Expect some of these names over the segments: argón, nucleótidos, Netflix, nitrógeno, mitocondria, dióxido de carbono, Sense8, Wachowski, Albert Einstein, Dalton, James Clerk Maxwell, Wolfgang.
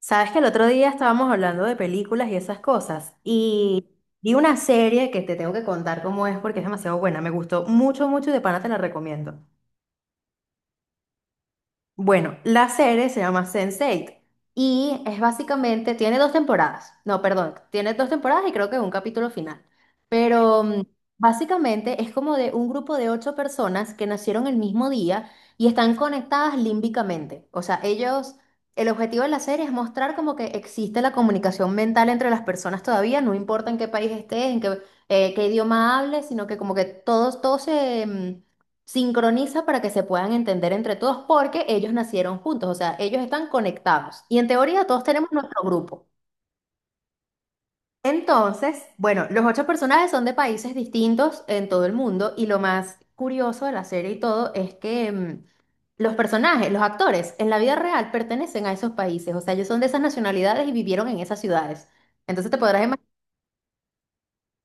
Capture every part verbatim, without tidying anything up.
Sabes que el otro día estábamos hablando de películas y esas cosas, y vi una serie que te tengo que contar cómo es porque es demasiado buena, me gustó mucho, mucho y de pana te la recomiendo. Bueno, la serie se llama sense ocho y es básicamente, tiene dos temporadas, no, perdón, tiene dos temporadas y creo que un capítulo final, pero mm, básicamente es como de un grupo de ocho personas que nacieron el mismo día y están conectadas límbicamente. O sea, ellos, el objetivo de la serie es mostrar como que existe la comunicación mental entre las personas todavía, no importa en qué país estés, en qué, eh, qué idioma hables, sino que como que todos, todos se mm, sincroniza para que se puedan entender entre todos porque ellos nacieron juntos, o sea, ellos están conectados y en teoría todos tenemos nuestro grupo. Entonces, bueno, los ocho personajes son de países distintos en todo el mundo y lo más curioso de la serie y todo es que mm, los personajes, los actores en la vida real pertenecen a esos países, o sea, ellos son de esas nacionalidades y vivieron en esas ciudades. Entonces te podrás.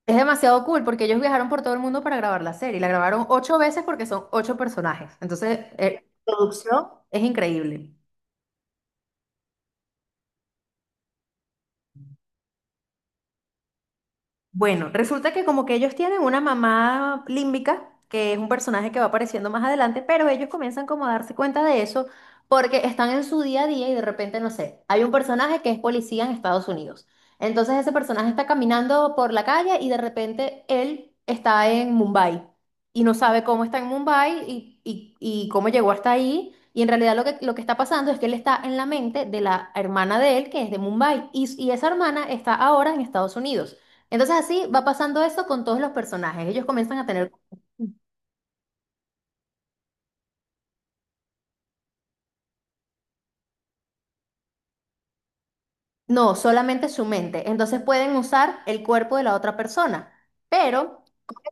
Es demasiado cool porque ellos viajaron por todo el mundo para grabar la serie. La grabaron ocho veces porque son ocho personajes. Entonces, eh, la producción es increíble. Bueno, resulta que como que ellos tienen una mamá límbica, que es un personaje que va apareciendo más adelante, pero ellos comienzan como a darse cuenta de eso porque están en su día a día y de repente, no sé, hay un personaje que es policía en Estados Unidos. Entonces ese personaje está caminando por la calle y de repente él está en Mumbai y no sabe cómo está en Mumbai y, y- y cómo llegó hasta ahí. Y en realidad lo que, lo que está pasando es que él está en la mente de la hermana de él, que es de Mumbai, y y esa hermana está ahora en Estados Unidos. Entonces así va pasando eso con todos los personajes. Ellos comienzan a tener. No, solamente su mente. Entonces pueden usar el cuerpo de la otra persona, pero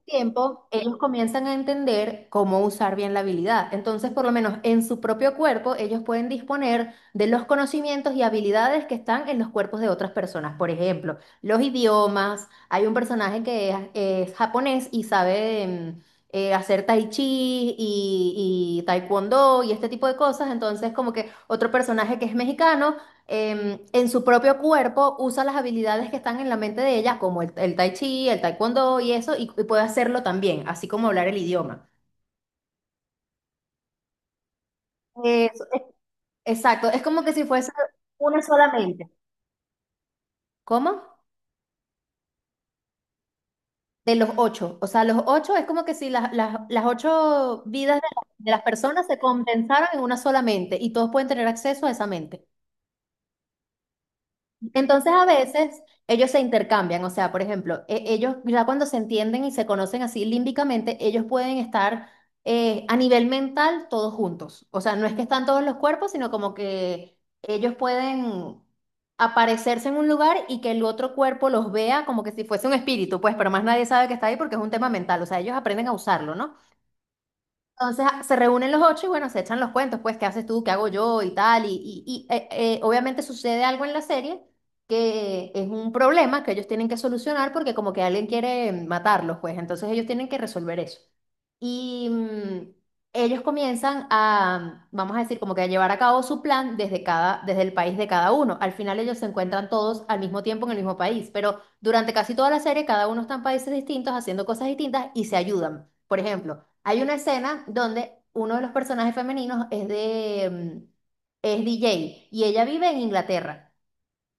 tiempo, ellos comienzan a entender cómo usar bien la habilidad. Entonces, por lo menos en su propio cuerpo, ellos pueden disponer de los conocimientos y habilidades que están en los cuerpos de otras personas. Por ejemplo, los idiomas. Hay un personaje que es, es japonés y sabe mm, eh, hacer tai chi y, y taekwondo y este tipo de cosas. Entonces, como que otro personaje que es mexicano em, en su propio cuerpo, usa las habilidades que están en la mente de ella, como el, el tai chi, el taekwondo y eso, y, y puede hacerlo también, así como hablar el idioma. Eso, es- exacto, es como que si fuese una solamente. ¿Cómo? De los ocho. O sea, los ocho es como que si las, las, las ocho vidas de, la- de las personas se condensaran en una sola mente y todos pueden tener acceso a esa mente. Entonces a veces ellos se intercambian, o sea, por ejemplo, e- ellos ya cuando se entienden y se conocen así límbicamente, ellos pueden estar eh, a nivel mental todos juntos. O sea, no es que están todos los cuerpos, sino como que ellos pueden aparecerse en un lugar y que el otro cuerpo los vea como que si fuese un espíritu, pues, pero más nadie sabe que está ahí porque es un tema mental, o sea, ellos aprenden a usarlo, ¿no? Entonces ah, se reúnen los ocho y bueno, se echan los cuentos, pues, ¿qué haces tú? ¿Qué hago yo? Y tal. Y, y- y, eh, eh, obviamente sucede algo en la serie que es un problema que ellos tienen que solucionar porque como que alguien quiere matarlos, pues, entonces ellos tienen que resolver eso. Y mm, ellos comienzan a, vamos a decir, como que a llevar a cabo su plan desde cada, desde el país de cada uno. Al final ellos se encuentran todos al mismo tiempo en el mismo país, pero durante casi toda la serie cada uno está en países distintos haciendo cosas distintas y se ayudan. Por ejemplo, hay una escena donde uno de los personajes femeninos es de, mm, es D J y ella vive en Inglaterra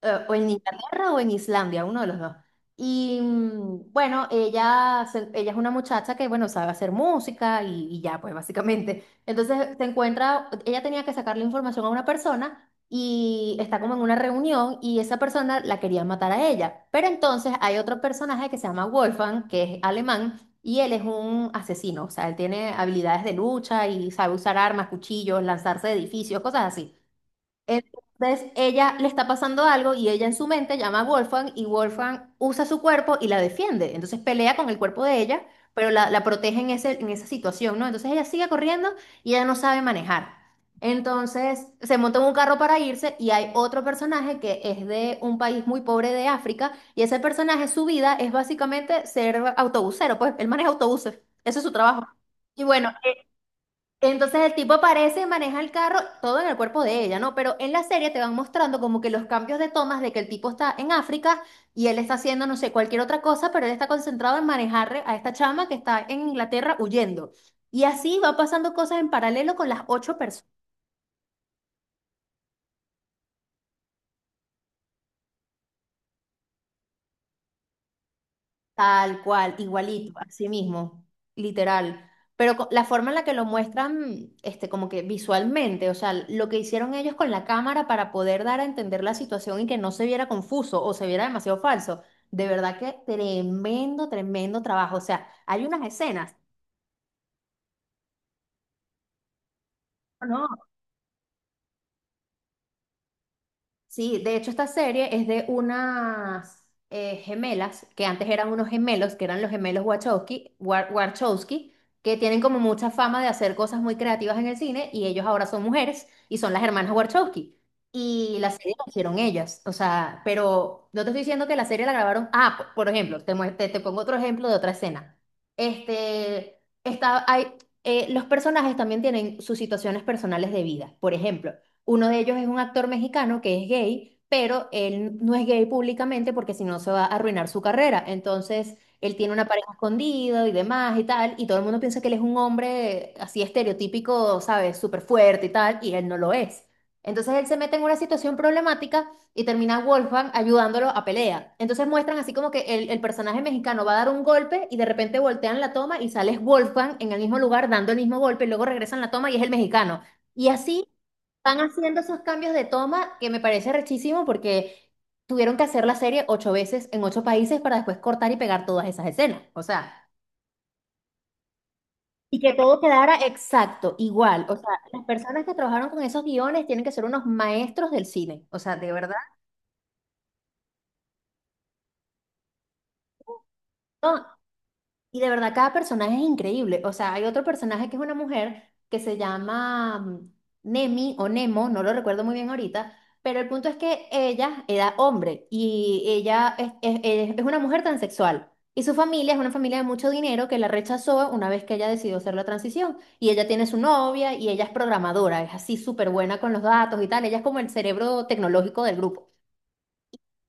eh, o en Inglaterra o en Islandia, uno de los dos. Y mm, bueno, ella, se- ella es una muchacha que, bueno, sabe hacer música y, y ya, pues básicamente. Entonces se encuentra, ella tenía que sacarle información a una persona y está como en una reunión y esa persona la quería matar a ella. Pero entonces hay otro personaje que se llama Wolfgang, que es alemán. Y él es un asesino, o sea, él tiene habilidades de lucha y sabe usar armas, cuchillos, lanzarse de edificios, cosas así. Entonces ella le está pasando algo y ella en su mente llama a Wolfgang y Wolfgang usa su cuerpo y la defiende. Entonces pelea con el cuerpo de ella, pero la, la protege en ese, en esa situación, ¿no? Entonces ella sigue corriendo y ella no sabe manejar. Entonces se monta en un carro para irse y hay otro personaje que es de un país muy pobre de África y ese personaje su vida es básicamente ser autobusero, pues él maneja autobuses, ese es su trabajo. Y bueno, entonces el tipo aparece, maneja el carro, todo en el cuerpo de ella, ¿no? Pero en la serie te van mostrando como que los cambios de tomas de que el tipo está en África y él está haciendo, no sé, cualquier otra cosa, pero él está concentrado en manejar a esta chama que está en Inglaterra huyendo. Y así va pasando cosas en paralelo con las ocho personas. Tal cual, igualito, así mismo, literal. Pero co- la forma en la que lo muestran, este, como que visualmente, o sea, lo que hicieron ellos con la cámara para poder dar a entender la situación y que no se viera confuso o se viera demasiado falso. De verdad que tremendo, tremendo trabajo. O sea, hay unas escenas. No. Sí, de hecho esta serie es de unas eh, gemelas, que antes eran unos gemelos, que eran los gemelos Wachowski, Wa- Warchowski, que tienen como mucha fama de hacer cosas muy creativas en el cine y ellos ahora son mujeres y son las hermanas Warchowski. Y la serie la hicieron ellas, o sea, pero no te estoy diciendo que la serie la grabaron, ah, p- por ejemplo, te, mue- te, te pongo otro ejemplo de otra escena. Este, está, hay, eh, los personajes también tienen sus situaciones personales de vida, por ejemplo. Uno de ellos es un actor mexicano que es gay, pero él no es gay públicamente porque si no se va a arruinar su carrera. Entonces, él tiene una pareja escondida y demás y tal, y todo el mundo piensa que él es un hombre así estereotípico, ¿sabes? Súper fuerte y tal, y él no lo es. Entonces él se mete en una situación problemática y termina Wolfgang ayudándolo a pelea. Entonces muestran así como que el, el personaje mexicano va a dar un golpe y de repente voltean la toma y sale Wolfgang en el mismo lugar dando el mismo golpe y luego regresan la toma y es el mexicano. Y así están haciendo esos cambios de toma que me parece rechísimo porque tuvieron que hacer la serie ocho veces en ocho países para después cortar y pegar todas esas escenas. O sea, y que todo quedara exacto, igual. O sea, las personas que trabajaron con esos guiones tienen que ser unos maestros del cine. O sea, de verdad. No. Y de verdad, cada personaje es increíble. O sea, hay otro personaje que es una mujer que se llama mm, Nemi o Nemo, no lo recuerdo muy bien ahorita, pero el punto es que ella era hombre y ella es, es- es- es una mujer transexual. Y su familia es una familia de mucho dinero que la rechazó una vez que ella decidió hacer la transición. Y ella tiene su novia y ella es programadora, es así súper buena con los datos y tal. Ella es como el cerebro tecnológico del grupo.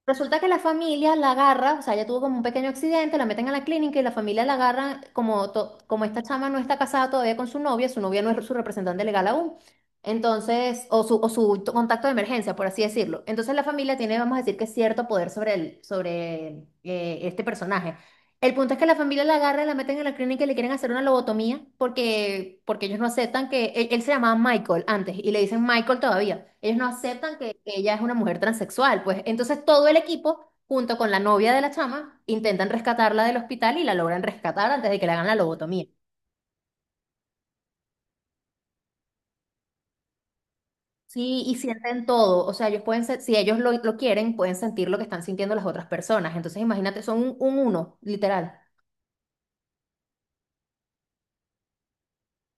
Resulta que la familia la agarra, o sea, ella tuvo como un pequeño accidente, la meten a la clínica y la familia la agarra, como, to- como esta chama no está casada todavía con su novia, su novia no es su representante legal aún, entonces, o su, o su t- contacto de emergencia, por así decirlo. Entonces la familia tiene, vamos a decir que cierto poder sobre, el, sobre eh, este personaje. El punto es que la familia la agarra, la meten en la clínica y le quieren hacer una lobotomía porque, porque ellos no aceptan que él, él se llamaba Michael antes y le dicen Michael todavía. Ellos no aceptan que ella es una mujer transexual, pues. Entonces todo el equipo, junto con la novia de la chama, intentan rescatarla del hospital y la logran rescatar antes de que le hagan la lobotomía. Sí, y sienten todo. O sea, ellos pueden ser, si ellos lo, lo quieren, pueden sentir lo que están sintiendo las otras personas. Entonces imagínate, son un, un uno, literal.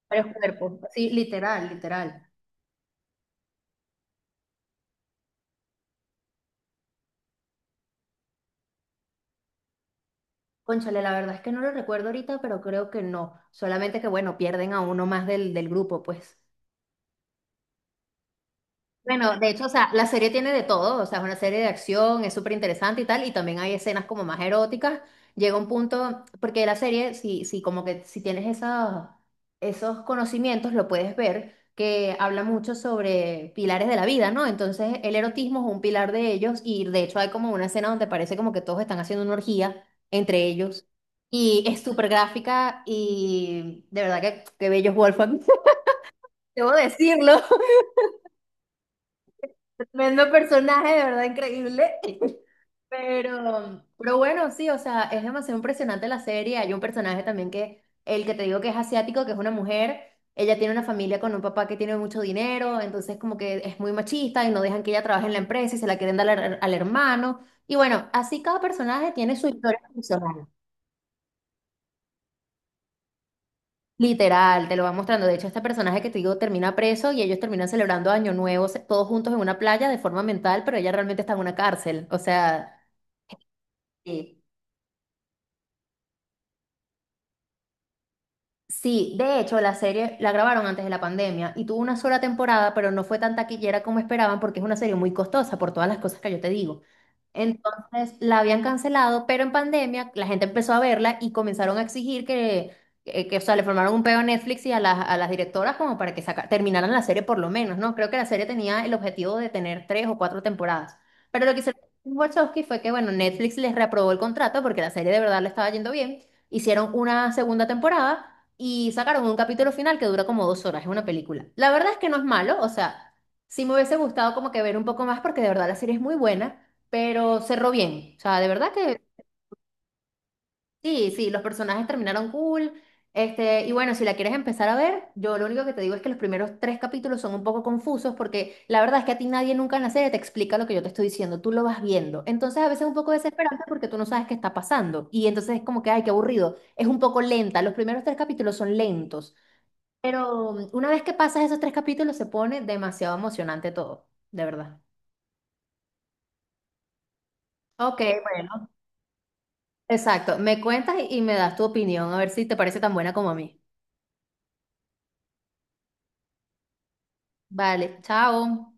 Varios cuerpos. Sí, literal, literal. Cónchale, la verdad es que no lo recuerdo ahorita, pero creo que no. Solamente que, bueno, pierden a uno más del, del grupo, pues. Bueno, de hecho, o sea, la serie tiene de todo, o sea, es una serie de acción, es súper interesante y tal, y también hay escenas como más eróticas. Llega un punto, porque la serie, si, si como que si tienes esa- esos conocimientos, lo puedes ver, que habla mucho sobre pilares de la vida, ¿no? Entonces, el erotismo es un pilar de ellos, y de hecho hay como una escena donde parece como que todos están haciendo una orgía entre ellos, y es súper gráfica, y de verdad que, que bello es Wolfgang, debo decirlo. Tremendo personaje, de verdad increíble. Pero, pero bueno, sí, o sea, es demasiado impresionante la serie. Hay un personaje también que, el que te digo que es asiático, que es una mujer, ella tiene una familia con un papá que tiene mucho dinero, entonces como que es muy machista y no dejan que ella trabaje en la empresa y se la quieren dar al, al hermano. Y bueno, así cada personaje tiene su historia personal. Literal, te lo va mostrando. De hecho, este personaje que te digo termina preso y ellos terminan celebrando Año Nuevo se- todos juntos en una playa de forma mental, pero ella realmente está en una cárcel. O sea… Sí. Sí, de hecho, la serie la grabaron antes de la pandemia y tuvo una sola temporada, pero no fue tan taquillera como esperaban porque es una serie muy costosa por todas las cosas que yo te digo. Entonces la habían cancelado, pero en pandemia la gente empezó a verla y comenzaron a exigir que, que, que, o sea, le formaron un peo a Netflix y a las, a las directoras como para que saca- terminaran la serie por lo menos, ¿no? Creo que la serie tenía el objetivo de tener tres o cuatro temporadas. Pero lo que hicieron los Wachowski fue que, bueno, Netflix les reaprobó el contrato porque la serie de verdad le estaba yendo bien. Hicieron una segunda temporada y sacaron un capítulo final que dura como dos horas, es una película. La verdad es que no es malo, o sea, sí me hubiese gustado como que ver un poco más porque de verdad la serie es muy buena, pero cerró bien, o sea, de verdad que sí, sí, los personajes terminaron cool, este, y bueno, si la quieres empezar a ver, yo lo único que te digo es que los primeros tres capítulos son un poco confusos porque la verdad es que a ti nadie nunca en la serie te explica lo que yo te estoy diciendo, tú lo vas viendo, entonces a veces es un poco desesperante porque tú no sabes qué está pasando y entonces es como que, ay, qué aburrido, es un poco lenta, los primeros tres capítulos son lentos. Pero mm, una vez que pasas esos tres capítulos se pone demasiado emocionante todo, de verdad. Ok, bueno. Exacto. Me cuentas y y me das tu opinión, a ver si te parece tan buena como a mí. Vale, chao.